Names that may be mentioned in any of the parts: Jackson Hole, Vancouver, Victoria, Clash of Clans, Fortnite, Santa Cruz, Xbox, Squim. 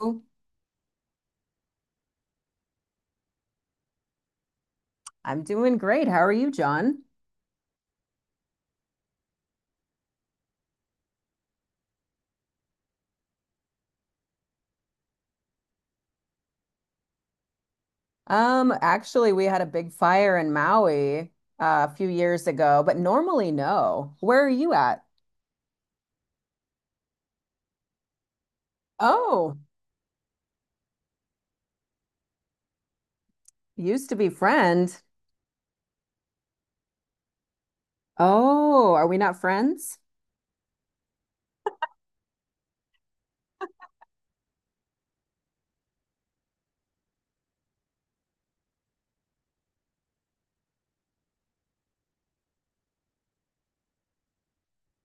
I'm doing great. How are you, John? Actually, we had a big fire in Maui a few years ago, but normally no. Where are you at? Oh, used to be friend. Oh, are we not friends?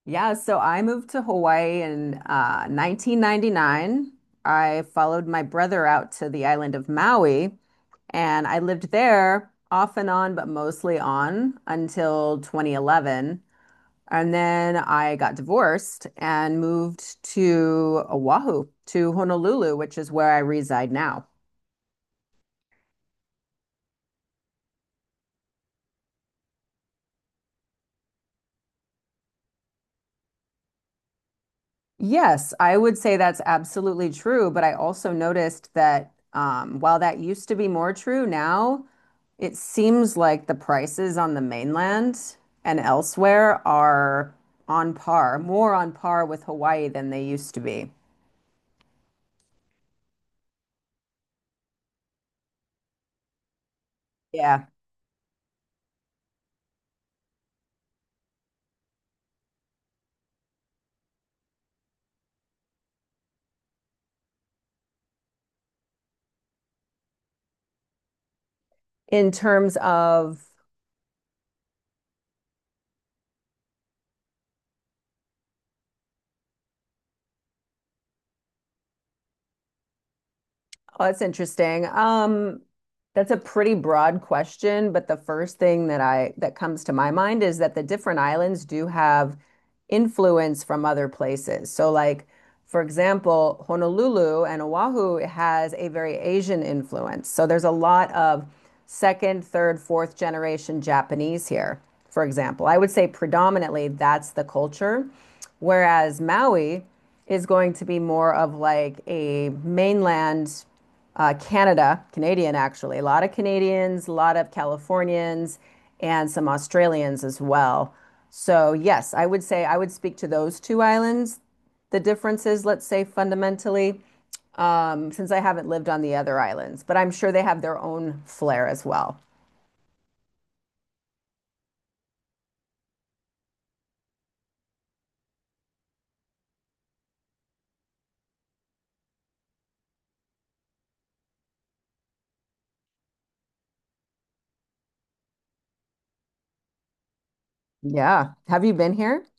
Yeah, so I moved to Hawaii in 1999. I followed my brother out to the island of Maui, and I lived there off and on, but mostly on until 2011. And then I got divorced and moved to Oahu, to Honolulu, which is where I reside now. Yes, I would say that's absolutely true, but I also noticed that while that used to be more true, now it seems like the prices on the mainland and elsewhere are on par, more on par with Hawaii than they used to be. Yeah. In terms of. Oh, that's interesting. That's a pretty broad question, but the first thing that comes to my mind is that the different islands do have influence from other places. So like, for example, Honolulu and Oahu has a very Asian influence. So there's a lot of second, third, fourth generation Japanese here, for example. I would say predominantly that's the culture, whereas Maui is going to be more of like a mainland Canada, Canadian actually, a lot of Canadians, a lot of Californians, and some Australians as well. So, yes, I would say I would speak to those two islands. The differences, let's say fundamentally, since I haven't lived on the other islands, but I'm sure they have their own flair as well. Yeah. Have you been here?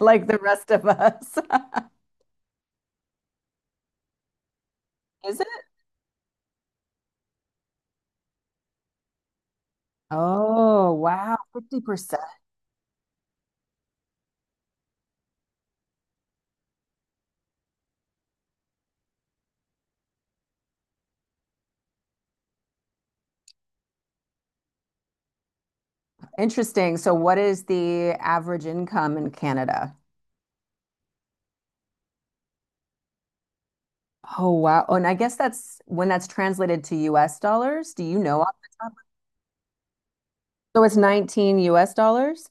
Like the rest of us. Is it? Oh, wow. 50%. Interesting. So, what is the average income in Canada? Oh, wow. Oh, and I guess that's when that's translated to US dollars. Do you know off the top? So it's 19 US dollars?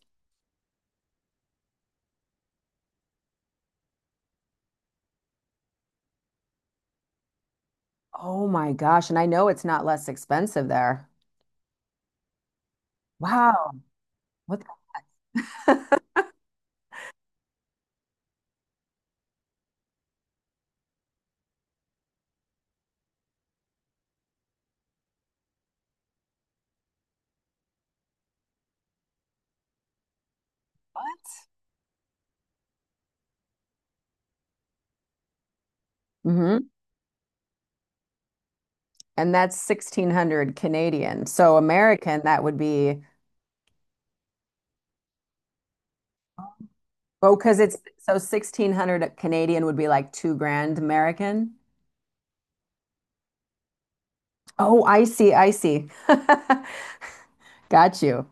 Oh my gosh. And I know it's not less expensive there. Wow. What the- Hmm. And that's 1600 Canadian. So American, that would be, oh, because it's so 1600 Canadian would be like two grand American. Oh, I see. I see. Got you.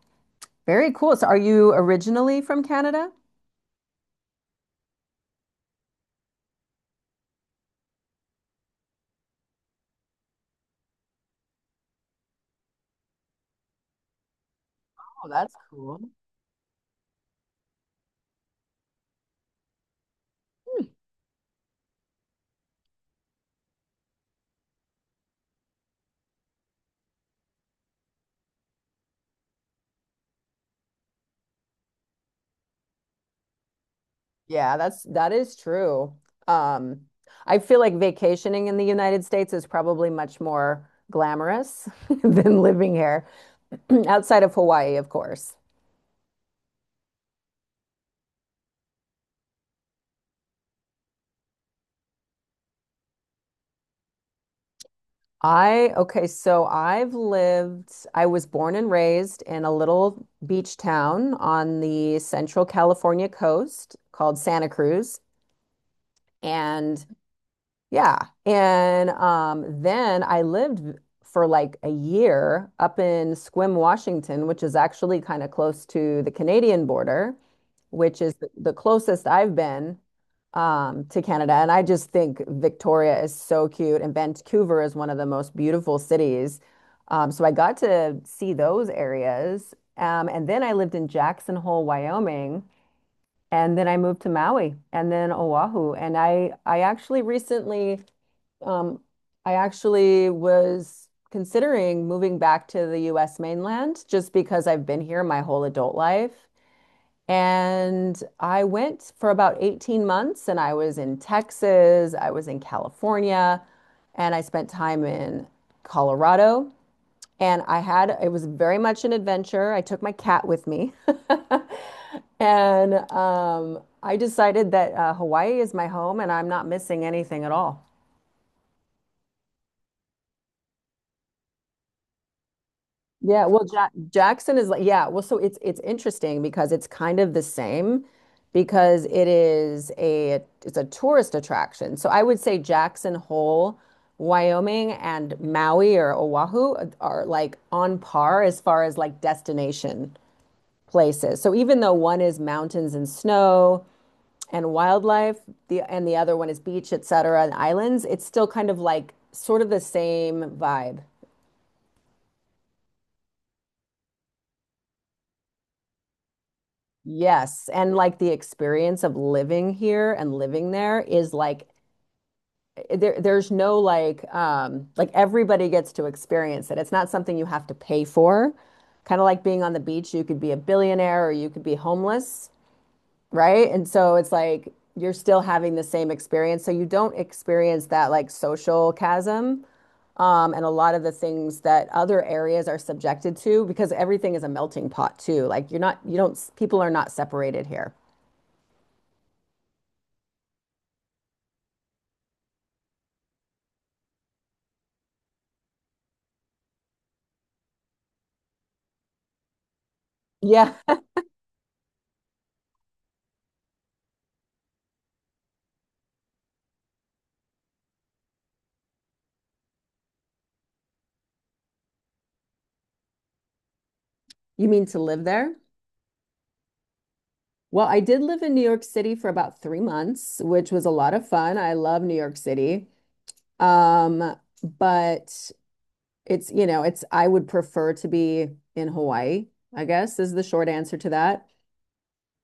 Very cool. So are you originally from Canada? Oh, that's cool. Yeah, that's that is true. Um, I feel like vacationing in the United States is probably much more glamorous than living here, outside of Hawaii, of course. Okay, so I've lived, I was born and raised in a little beach town on the central California coast called Santa Cruz. And yeah. And then I lived for like a year up in Squim, Washington, which is actually kind of close to the Canadian border, which is the closest I've been to Canada. And I just think Victoria is so cute, and Vancouver is one of the most beautiful cities. So I got to see those areas. And then I lived in Jackson Hole, Wyoming. And then I moved to Maui and then Oahu. And I actually recently um, I actually was considering moving back to the US mainland just because I've been here my whole adult life. And I went for about 18 months and I was in Texas, I was in California, and I spent time in Colorado. And I had, it was very much an adventure. I took my cat with me. And I decided that Hawaii is my home and I'm not missing anything at all. Yeah, well, Ja Jackson is like, yeah, well, so it's interesting because it's kind of the same because it is a it's a tourist attraction. So I would say Jackson Hole, Wyoming and Maui or Oahu are like on par as far as like destination places. So even though one is mountains and snow and wildlife, the other one is beach, et cetera, and islands, it's still kind of like sort of the same vibe. Yes, and like the experience of living here and living there is like there there's no like like everybody gets to experience it. It's not something you have to pay for. Kind of like being on the beach, you could be a billionaire or you could be homeless, right? And so it's like you're still having the same experience. So you don't experience that like social chasm and a lot of the things that other areas are subjected to because everything is a melting pot too. Like you're not, you don't, people are not separated here. Yeah. You mean to live there? Well, I did live in New York City for about 3 months, which was a lot of fun. I love New York City. Um, but it's, you know, it's, I would prefer to be in Hawaii, I guess is the short answer to that.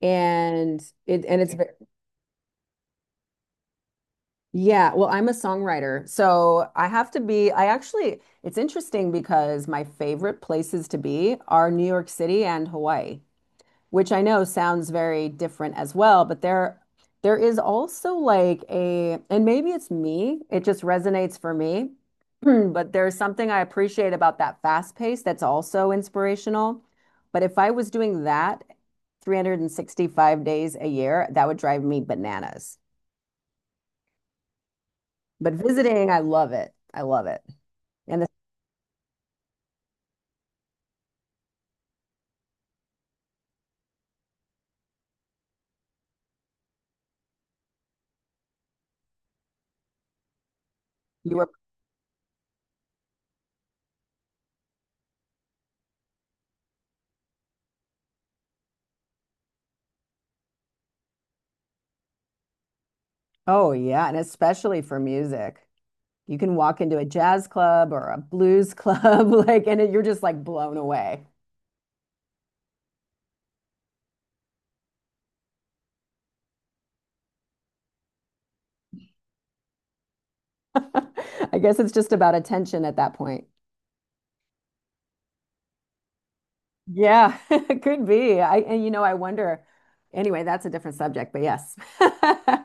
And it, and it's, yeah, well, I'm a songwriter. So I have to be, I actually, it's interesting because my favorite places to be are New York City and Hawaii, which I know sounds very different as well, but there is also like a, and maybe it's me, it just resonates for me, but there's something I appreciate about that fast pace that's also inspirational. But if I was doing that 365 days a year, that would drive me bananas. But visiting, I love it. I love it. And the, you were, oh yeah, and especially for music. You can walk into a jazz club or a blues club, like, and it, you're just like blown away. I guess it's just about attention at that point. Yeah, it could be. I, and you know, I wonder. Anyway, that's a different subject, but yes.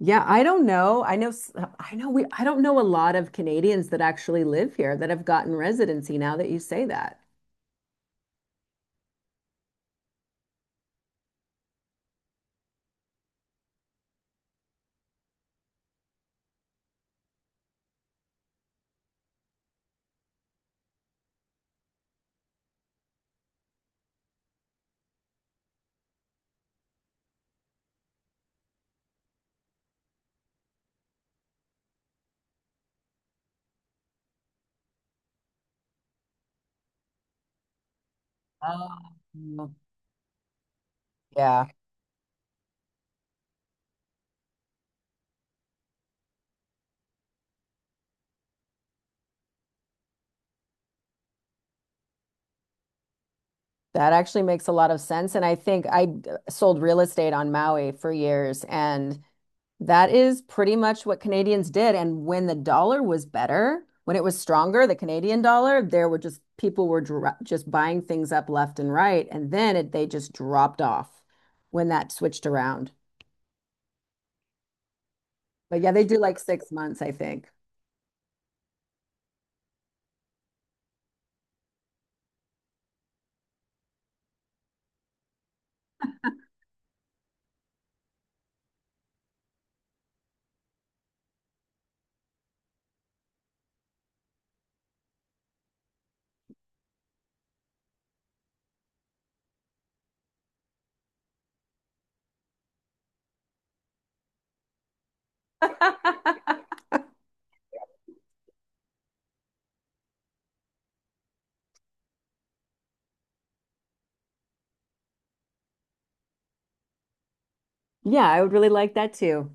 Yeah, I don't know. I know, I know we, I don't know a lot of Canadians that actually live here that have gotten residency now that you say that. Oh, yeah, that actually makes a lot of sense. And I think sold real estate on Maui for years, and that is pretty much what Canadians did. And when the dollar was better, when it was stronger, the Canadian dollar, there were just people were just buying things up left and right. And then they just dropped off when that switched around. But yeah, they do like 6 months, I think. Yeah, I would really like that too.